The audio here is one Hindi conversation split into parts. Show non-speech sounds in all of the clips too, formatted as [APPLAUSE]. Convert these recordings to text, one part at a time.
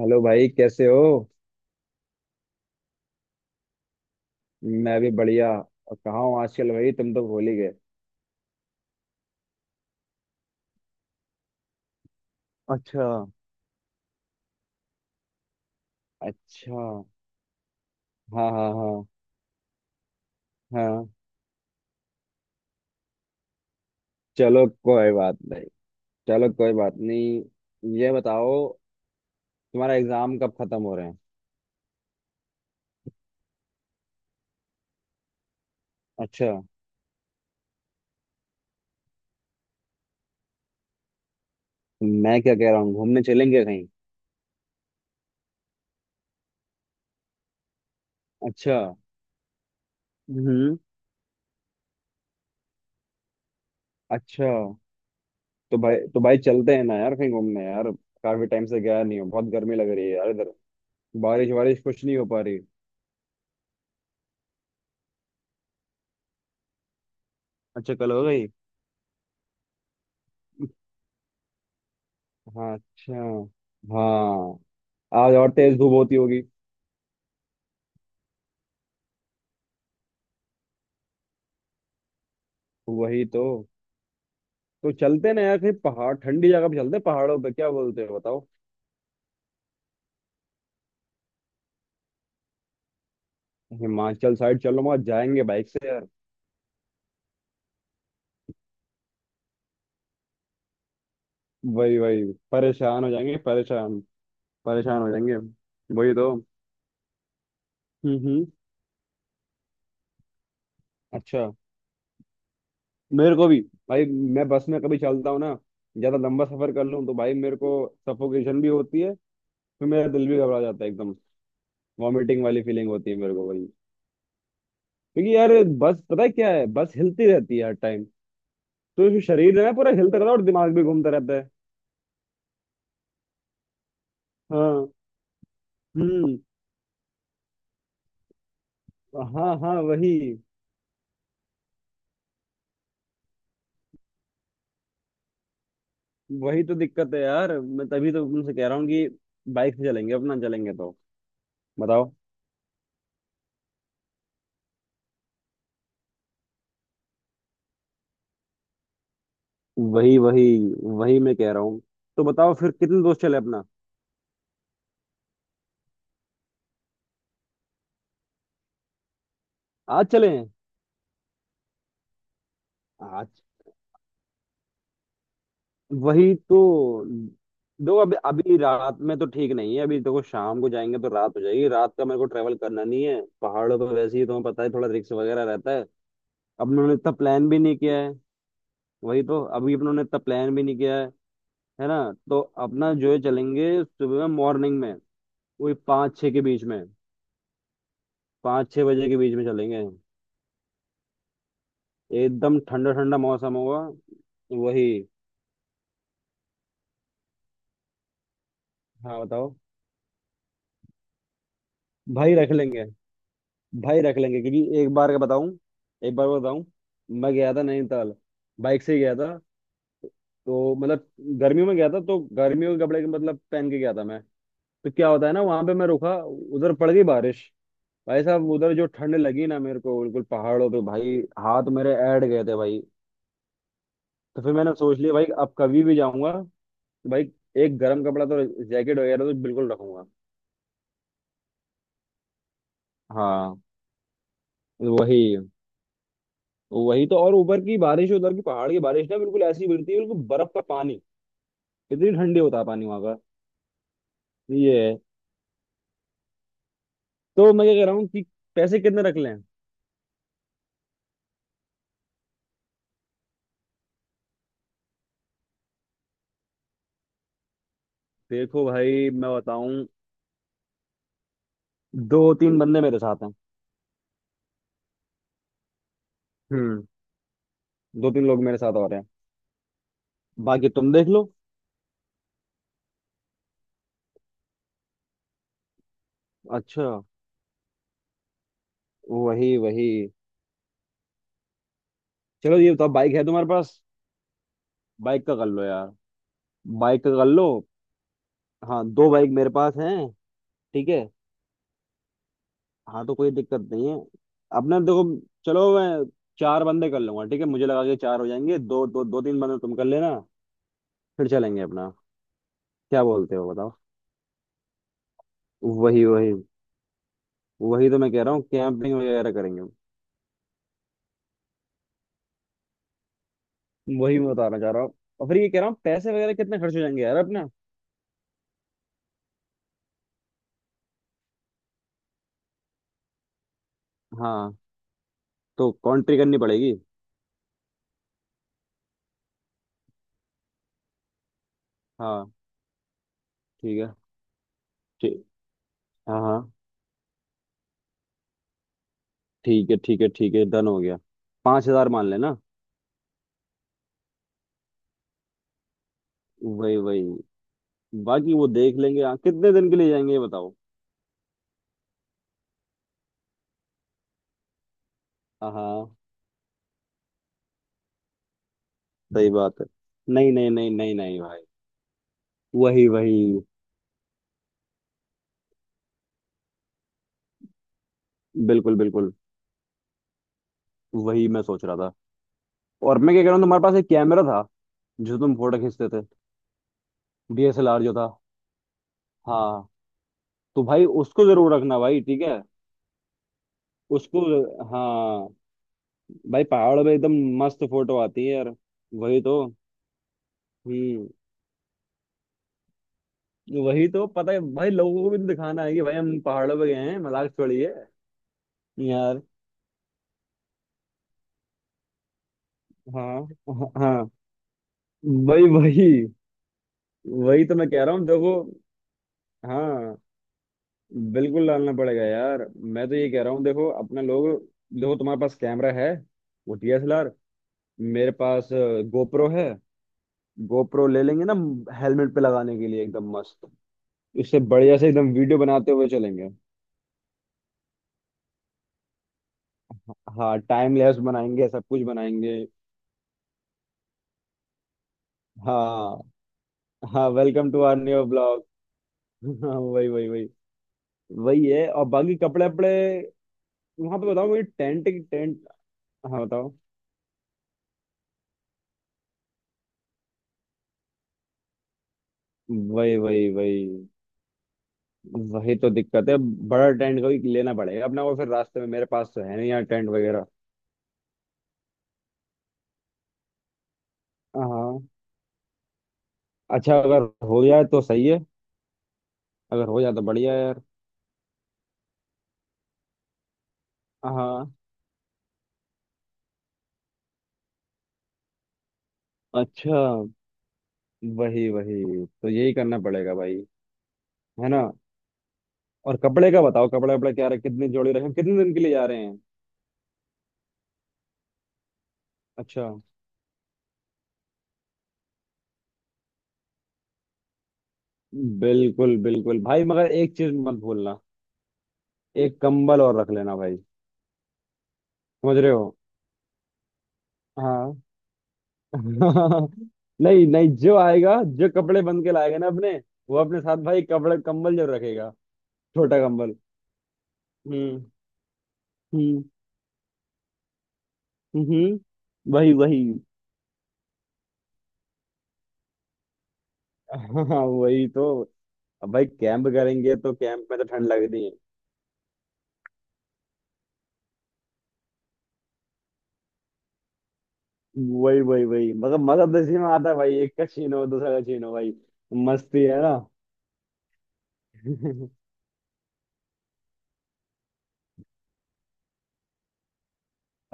हेलो भाई, कैसे हो? मैं भी बढ़िया। और कहाँ हूँ आजकल भाई, तुम तो भूल ही गए। अच्छा। अच्छा। हाँ हाँ हाँ हाँ। चलो कोई बात नहीं। चलो कोई बात नहीं, ये बताओ तुम्हारा एग्जाम कब खत्म हो रहे हैं। अच्छा। मैं क्या कह रहा हूँ, घूमने चलेंगे कहीं? अच्छा। हम्म। अच्छा, तो भाई चलते हैं ना यार कहीं घूमने यार। काफी टाइम से गया नहीं हूँ, बहुत गर्मी लग रही है यार इधर। बारिश वारिश कुछ नहीं हो पा रही। अच्छा, कल हो गई। हाँ अच्छा। हाँ। आज और तेज धूप होती होगी। वही तो। तो चलते ना यार कहीं पहाड़, ठंडी जगह पे चलते हैं, पहाड़ों पे क्या बोलते हो बताओ। हिमाचल साइड चलो, वहां जाएंगे बाइक से यार। वही वही। परेशान हो जाएंगे, परेशान। परेशान हो जाएंगे। वही तो। हम्म। अच्छा। मेरे को भी। भाई। मैं बस में कभी चलता हूँ ना, ज्यादा लंबा सफर कर लूँ तो भाई मेरे को सफोकेशन भी होती है। फिर मेरा दिल भी घबरा जाता है एकदम। वॉमिटिंग वाली फीलिंग होती है मेरे को भाई। क्योंकि यार बस पता है क्या है, बस हिलती रहती है हर टाइम। तो जो शरीर है ना पूरा हिलता रहता है, और दिमाग भी घूमता रहता है। हाँ। हम्म। हाँ हाँ। वही। वही तो दिक्कत है यार, मैं तभी तो तुमसे कह रहा हूँ कि बाइक से चलेंगे अपना, चलेंगे तो। बताओ। वही वही। वही मैं कह रहा हूँ। तो बताओ फिर कितने दोस्त चले अपना। आज चले। आज। वही तो। देखो अभी, अभी रात में तो ठीक नहीं है, अभी देखो शाम को जाएंगे तो रात हो जाएगी। रात का मेरे को ट्रेवल करना नहीं है पहाड़ों पर, वैसे ही तुम्हें पता है थोड़ा रिस्क वगैरह रहता है। अब उन्होंने इतना प्लान भी नहीं किया है। वही तो, अभी उन्होंने इतना प्लान भी नहीं किया है। है ना। तो अपना जो है चलेंगे सुबह में, मॉर्निंग में। वही पाँच छः के बीच में। पाँच छः बजे के बीच में चलेंगे। एकदम ठंडा ठंडा मौसम होगा। वही। हाँ बताओ। भाई रख लेंगे। भाई रख लेंगे, क्योंकि एक बार का बताऊं, एक बार का बताऊं। मैं गया था नैनीताल, बाइक से ही गया था। तो मतलब गर्मियों में गया था तो गर्मियों के कपड़े के मतलब पहन के गया था मैं। तो क्या होता है ना, वहां पे मैं रुका, उधर पड़ गई बारिश। भाई साहब, उधर जो ठंड लगी ना मेरे को बिल्कुल पहाड़ों पे, भाई हाथ मेरे ऐड गए थे भाई। तो फिर मैंने सोच लिया भाई अब कभी भी जाऊंगा तो भाई एक गर्म कपड़ा तो, जैकेट वगैरह तो बिल्कुल रखूंगा। हाँ। वही। वही तो, और ऊपर की बारिश, उधर की पहाड़ की बारिश ना बिल्कुल ऐसी गिरती है, बिल्कुल बर्फ का पानी। इतनी ठंडी होता है पानी वहां का। ये है। तो मैं क्या कह रहा हूँ कि पैसे कितने रख लें। देखो भाई मैं बताऊं, दो तीन बंदे मेरे साथ हैं। हम्म। दो तीन लोग मेरे साथ और हैं। बाकी तुम देख लो। अच्छा। वही वही। चलो ये बताओ, बाइक है तुम्हारे पास? बाइक का कर लो यार। बाइक का कर लो। हाँ, दो बाइक मेरे पास हैं। ठीक है। हाँ तो कोई दिक्कत नहीं है। अपना देखो। चलो मैं चार बंदे कर लूंगा, ठीक है? मुझे लगा कि चार हो जाएंगे। दो दो, दो तीन बंदे तुम कर लेना। फिर चलेंगे अपना। क्या बोलते हो बताओ। वही वही। वही तो मैं कह रहा हूँ, कैंपिंग वगैरह करेंगे। वही मैं बताना चाह रहा हूँ। और फिर ये कह रहा हूँ पैसे वगैरह कितने खर्च हो जाएंगे यार अपना। हाँ, तो कॉन्ट्री करनी पड़ेगी। हाँ ठीक है। ठीक। हाँ हाँ। ठीक है ठीक है ठीक है, डन हो गया। पांच हजार मान लेना। वही वही। बाकी वो देख लेंगे। हाँ, कितने दिन के लिए जाएंगे ये बताओ। हाँ हाँ। सही बात है। नहीं नहीं नहीं नहीं नहीं भाई। वही वही। बिल्कुल बिल्कुल। वही मैं सोच रहा था। और मैं क्या कह रहा हूँ, तुम्हारे पास एक कैमरा था जो तुम फोटो खींचते थे। डीएसएलआर जो था। हाँ। तो भाई उसको जरूर रखना भाई, ठीक है। उसको। हाँ। भाई पहाड़ पे एकदम मस्त फोटो आती है यार। वही तो। हम्म। वही तो, पता है भाई लोगों को भी तो दिखाना है कि भाई हम पहाड़ों पे गए हैं, मजाक छोड़िए यार। हाँ हाँ हाँ। भाई वही। वही तो मैं कह रहा हूँ देखो। हाँ। बिल्कुल डालना पड़ेगा यार। मैं तो ये कह रहा हूँ देखो अपने लोग, देखो तुम्हारे पास कैमरा है, वो डीएसएलआर। मेरे पास गोप्रो है। गोप्रो ले लेंगे ना, हेलमेट पे लगाने के लिए एकदम मस्त। इससे बढ़िया से एकदम वीडियो बनाते हुए चलेंगे। हाँ टाइम लैप्स बनाएंगे, सब कुछ बनाएंगे। हाँ। हाँ welcome to our new blog. हाँ वही वही वही। वही है। और बाकी कपड़े वपड़े वहां पे बताओ, वही टेंट टेंट। हाँ बताओ। वही वही वही। वही तो दिक्कत है, बड़ा टेंट कोई लेना पड़ेगा अपना, वो फिर रास्ते में। मेरे पास तो है नहीं यार टेंट वगैरह। हाँ। अच्छा, अगर हो जाए तो सही है। अगर हो जाए तो बढ़िया है यार। हाँ। अच्छा। वही वही, तो यही करना पड़ेगा भाई। है ना। और कपड़े का बताओ, कपड़े वपड़े क्या रहे, कितनी जोड़ी रखें, कितने दिन के लिए जा रहे हैं। अच्छा। बिल्कुल बिल्कुल भाई, मगर एक चीज मत भूलना, एक कंबल और रख लेना भाई। समझ रहे हो। हाँ। [LAUGHS] नहीं नहीं, जो आएगा जो कपड़े बन के लाएगा ना अपने, वो अपने साथ भाई कपड़े कंबल जरूर रखेगा। छोटा कंबल। हम्म। हम्म। हम्म। वही वही। [LAUGHS] हाँ वही तो। अब भाई कैंप करेंगे तो कैंप में तो ठंड लग रही है। वही वही वही, मतलब मगर मजा तो इसी में आता है भाई, एक का छीनो दूसरा का छीनो भाई। मस्ती है ना। [LAUGHS]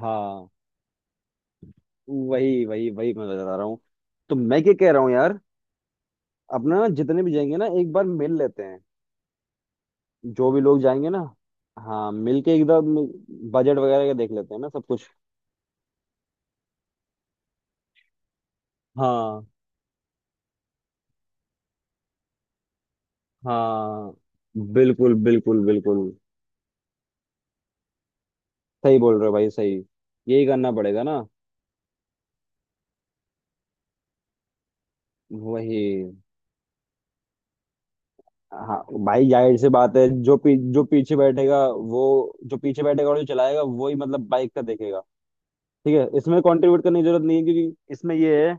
हाँ वही वही वही मैं बता रहा हूँ। तो मैं क्या कह रहा हूँ यार, अपना ना जितने भी जाएंगे ना एक बार मिल लेते हैं। जो भी लोग जाएंगे ना। हाँ मिल के एकदम बजट वगैरह का देख लेते हैं ना सब कुछ। हाँ हाँ। बिल्कुल बिल्कुल बिल्कुल। सही बोल रहे हो भाई, सही। यही करना पड़ेगा ना। वही। हाँ। भाई जाहिर सी बात है, जो पीछे बैठेगा, वो जो पीछे बैठेगा और जो चलाएगा वो ही मतलब बाइक का देखेगा। ठीक है, इसमें कंट्रीब्यूट करने की जरूरत नहीं है, क्योंकि इसमें ये है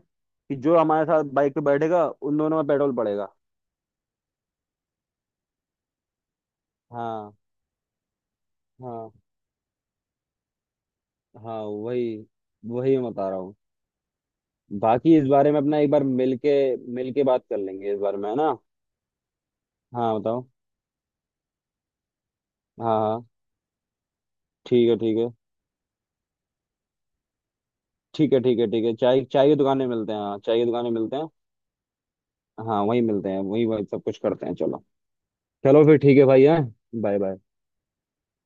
कि जो हमारे साथ बाइक पे बैठेगा उन दोनों में पेट्रोल पड़ेगा। हाँ हाँ। हाँ वही। वही मैं बता रहा हूँ। बाकी इस बारे में अपना एक बार मिलके, बात कर लेंगे इस बारे में, है ना। हाँ बताओ। हाँ हाँ। ठीक है ठीक है ठीक है। ठीक है ठीक है, चाय चाय की दुकान में मिलते हैं, हाँ चाय की दुकान में मिलते हैं। हाँ वहीं मिलते हैं, वहीं वहीं सब कुछ करते हैं, चलो। चलो फिर ठीक है भाई। है। Bye bye.